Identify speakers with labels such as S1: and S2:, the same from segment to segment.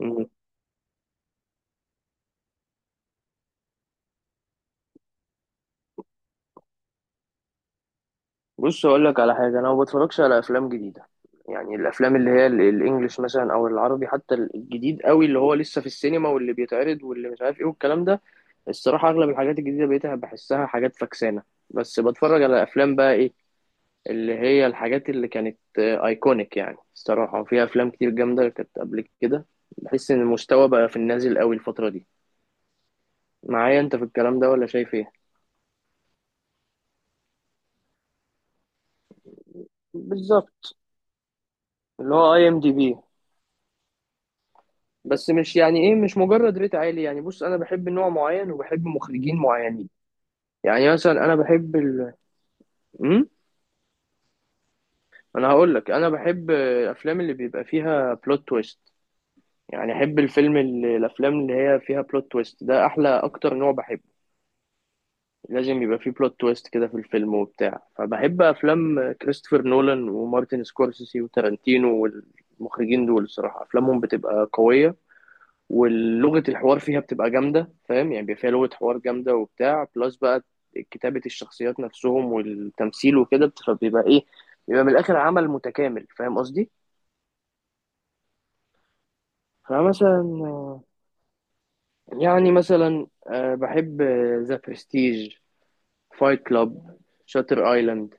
S1: مم. بص اقول لك على حاجه، انا ما بتفرجش على افلام جديده. يعني الافلام اللي هي الانجليش مثلا او العربي، حتى الجديد قوي اللي هو لسه في السينما واللي بيتعرض واللي مش عارف ايه والكلام ده. الصراحه اغلب الحاجات الجديده بقيت بحسها حاجات فكسانه. بس بتفرج على افلام بقى ايه، اللي هي الحاجات اللي كانت ايكونيك يعني، الصراحه وفيها افلام كتير جامده كانت قبل كده. بحس ان المستوى بقى في النازل قوي الفتره دي. معايا انت في الكلام ده ولا شايف ايه؟ بالظبط، اللي هو اي ام دي بي. بس مش يعني ايه، مش مجرد ريت عالي. يعني بص، انا بحب نوع معين وبحب مخرجين معينين. يعني مثلا انا بحب ال... امم انا هقول لك، انا بحب الافلام اللي بيبقى فيها بلوت تويست. يعني احب الفيلم اللي... الافلام اللي هي فيها بلوت تويست ده احلى اكتر نوع بحبه. لازم يبقى فيه بلوت تويست كده في الفيلم وبتاع. فبحب افلام كريستوفر نولان ومارتن سكورسيسي وتارانتينو. والمخرجين دول الصراحة افلامهم بتبقى قوية، ولغة الحوار فيها بتبقى جامدة. فاهم يعني، بيبقى فيها لغة حوار جامدة وبتاع، بلس بقى كتابة الشخصيات نفسهم والتمثيل وكده فبيبقى إيه، بيبقى من الآخر عمل متكامل. فاهم قصدي؟ فمثلا يعني مثلا بحب ذا برستيج، فايت كلاب، شاتر ايلاند،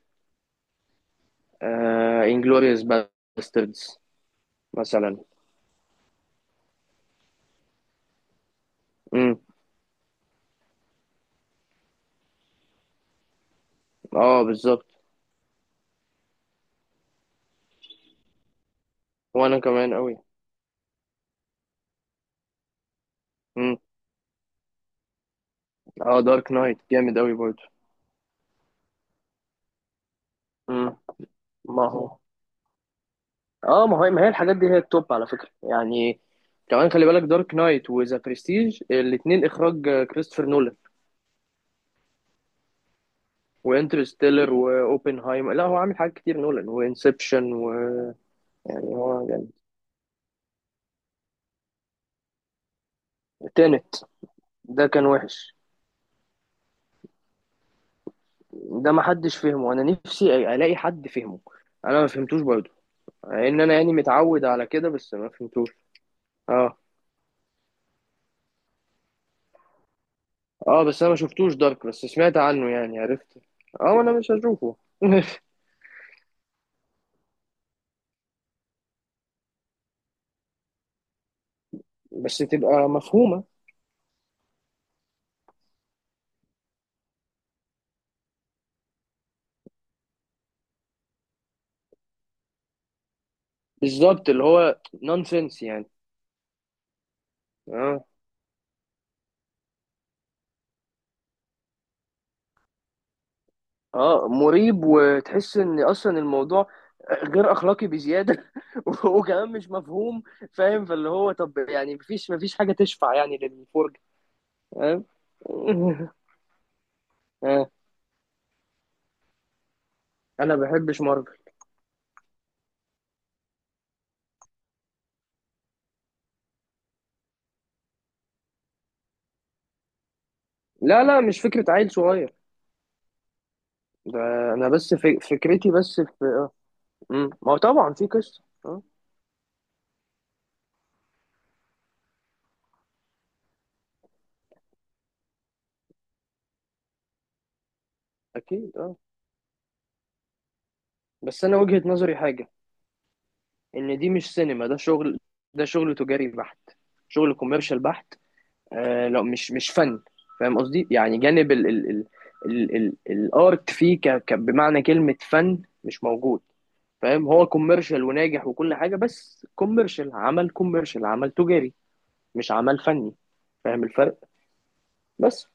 S1: انجلوريوس باستردز مثلا. امم اه بالظبط. وانا كمان قوي. امم اه، دارك نايت جامد قوي برضه. امم ما هو اه، ما هي الحاجات دي هي التوب على فكرة يعني. كمان خلي بالك دارك نايت وذا برستيج الاتنين اخراج كريستوفر نولان. وانترستيلر واوبنهايمر، لا هو عامل حاجات كتير نولان، وانسبشن و... يعني هو يعني تانت، ده كان وحش. ده ما حدش فهمه. انا نفسي الاقي حد فهمه. انا ما فهمتوش برضه. ان انا يعني متعود على كده، بس ما فهمتوش. اه. اه بس انا ما شفتوش دارك، بس سمعت عنه يعني، عرفت. اه انا مش هشوفه بس تبقى مفهومة. بالظبط، اللي هو نونسنس يعني. اه. اه، مريب، وتحس ان اصلا الموضوع غير اخلاقي بزياده وكمان مش مفهوم. فاهم، فاللي هو طب يعني، مفيش حاجه تشفع يعني للفرجه. فاهم. آه. انا ما بحبش مارفل. لا لا، مش فكره عيل صغير. ده انا بس في فكرتي، بس في اه، مم. ما هو طبعا في قصه، اه اكيد اه. بس انا وجهه نظري حاجه، ان دي مش سينما، ده شغل. ده شغل تجاري بحت، شغل كوميرشال بحت، آه لو مش فن. فاهم قصدي؟ يعني جانب ال الارت فيه، ك ك بمعنى كلمة فن، مش موجود. فاهم، هو كوميرشال وناجح وكل حاجة، بس كوميرشال، عمل كوميرشال، عمل تجاري مش عمل فني. فاهم الفرق. بس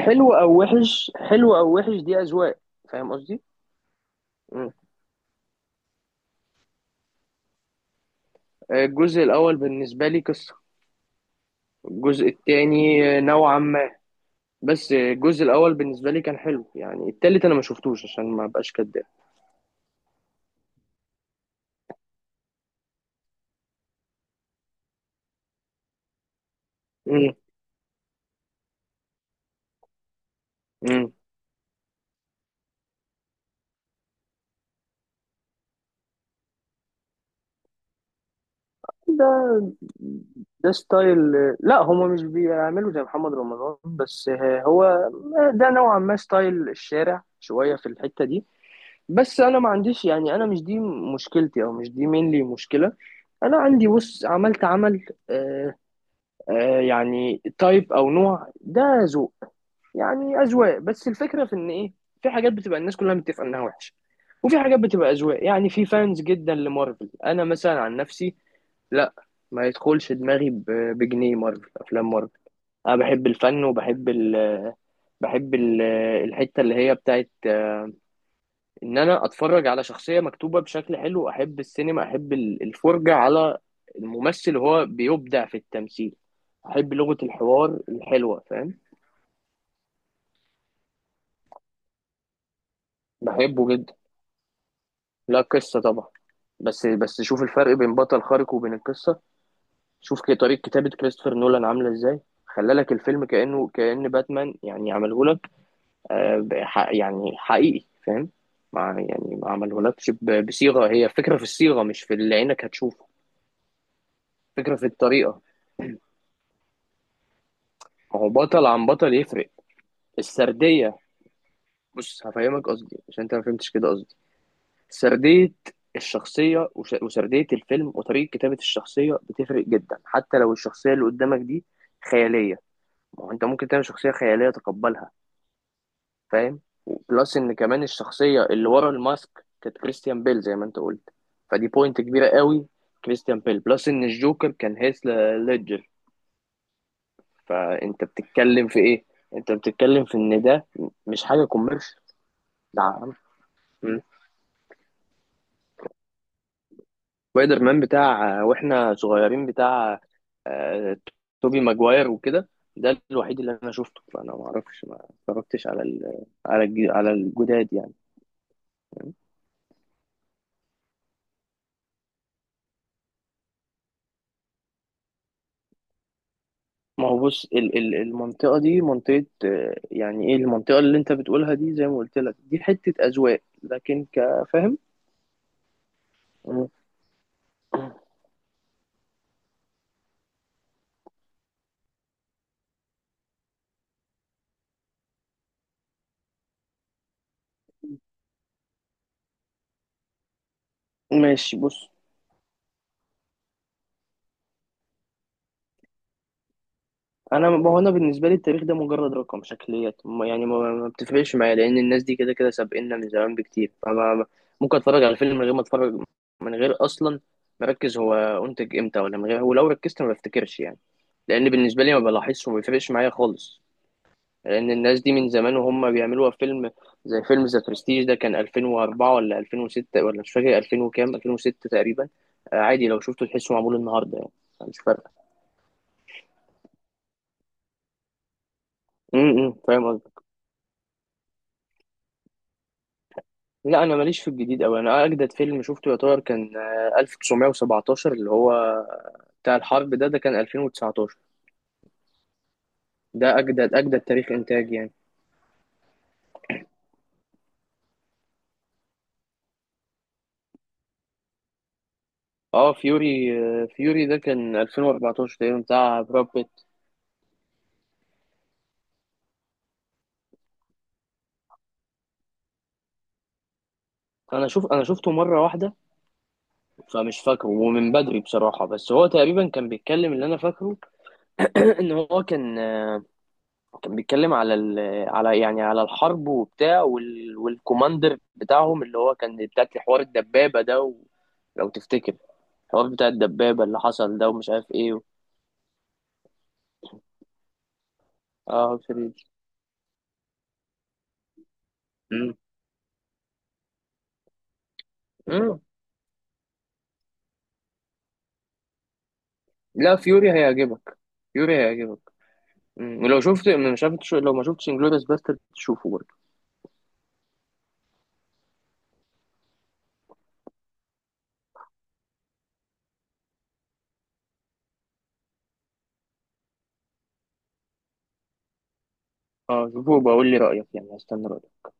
S1: حلو او وحش، حلو او وحش، دي اذواق. فاهم قصدي. مم. الجزء الاول بالنسبة لي قصة، الجزء التاني نوعا ما. بس الجزء الاول بالنسبة لي كان حلو يعني. التالت انا ما شفتوش، عشان ما بقاش كداب. مم. مم. ده ده ستايل. لا هما مش بيعملوا زي محمد رمضان بس هو. ده نوعا ما ستايل الشارع شوية في الحتة دي. بس أنا ما عنديش يعني، أنا مش دي مشكلتي، أو مش دي مينلي مشكلة. أنا عندي، بص، عملت عمل آه، آه يعني تايب أو نوع، ده ذوق. يعني أذواق. بس الفكرة في إن إيه، في حاجات بتبقى الناس كلها متفقة إنها وحشة، وفي حاجات بتبقى أذواق. يعني في فانز جدا لمارفل، أنا مثلا عن نفسي، لا، ما يدخلش دماغي بجنيه مارفل، افلام مارفل. انا بحب الفن، وبحب ال بحب ال الحته اللي هي بتاعت ان انا اتفرج على شخصيه مكتوبه بشكل حلو. احب السينما، احب الفرجه على الممثل وهو بيبدع في التمثيل. احب لغه الحوار الحلوه، فاهم. بحبه جدا. لا قصه طبعا. بس بس شوف الفرق بين بطل خارق وبين القصه. شوف طريقه كتابه كريستوفر نولان عامله ازاي. خلى لك الفيلم كانه كان باتمان يعني، عمله يعني حقيقي، فاهم. مع يعني، ما عملهولكش بصيغة، هي فكرة في الصيغة مش في اللي عينك هتشوفه. فكرة في الطريقة. ما هو بطل عن بطل يفرق. السردية. بص هفهمك قصدي عشان انت ما فهمتش كده قصدي. سردية الشخصية، وسردية الفيلم وطريقة كتابة الشخصية بتفرق جدا، حتى لو الشخصية اللي قدامك دي خيالية. ما هو انت ممكن تعمل شخصية خيالية تقبلها. فاهم. بلس ان كمان الشخصيه اللي ورا الماسك كانت كريستيان بيل زي ما انت قلت، فدي بوينت كبيره قوي. كريستيان بيل، بلس ان الجوكر كان هيث ليدجر. فانت بتتكلم في ايه، انت بتتكلم في ان ده مش حاجه كوميرش. ده عم- مم. سبايدر مان بتاع واحنا صغيرين، بتاع آه، توبي ماجواير وكده، ده الوحيد اللي انا شفته. فانا ما اعرفش، ما اتفرجتش على على على الجداد يعني. ما هو بص، المنطقة دي منطقة يعني ايه، المنطقة اللي انت بتقولها دي زي ما قلت لك، دي حتة أذواق، لكن كفاهم. مم. ماشي. بص انا، ما هو انا بالنسبة لي التاريخ ده مجرد رقم، شكليات يعني ما بتفرقش معايا، لأن الناس دي كده كده سابقنا من زمان بكتير. فما ممكن اتفرج على فيلم من غير ما اتفرج، من غير اصلا مركز هو انتج امتى، ولا من غير، ولو ركزت ما بفتكرش يعني، لأن بالنسبة لي ما بلاحظش وما بيفرقش معايا خالص. لان الناس دي من زمان وهم بيعملوها فيلم. زي فيلم ذا برستيج، ده كان 2004 ولا 2006، ولا مش فاكر، 2000 وكام، 2006 تقريبا. عادي لو شفته تحسه معمول النهارده يعني. مش فارقه. فاهم قصدي. لا انا ماليش في الجديد قوي. انا اجدد فيلم شفته يعتبر كان 1917 اللي هو بتاع الحرب ده، ده كان 2019. ده اجدد اجدد تاريخ انتاج يعني. اه فيوري، فيوري ده كان 2014 تقريبا، بتاع براد بيت. انا شوف، انا شفته مره واحده، فمش فاكره ومن بدري بصراحة. بس هو تقريبا كان بيتكلم، اللي أنا فاكره إن هو كان، كان بيتكلم على ال... على يعني على الحرب وبتاع، وال... والكوماندر بتاعهم اللي هو كان بتاعت حوار الدبابة ده و... لو تفتكر الحوار بتاع الدبابة اللي حصل ده ومش عارف إيه و... آه فريد. مم. مم. لا فيوري هيعجبك. فيوري هيعجبك. مم. ولو شفت، مش عارف، لو ما شفتش انجلوريس باسترد تشوفه برضه. اه شوفه وبقول لي رأيك يعني، هستنى رأيك.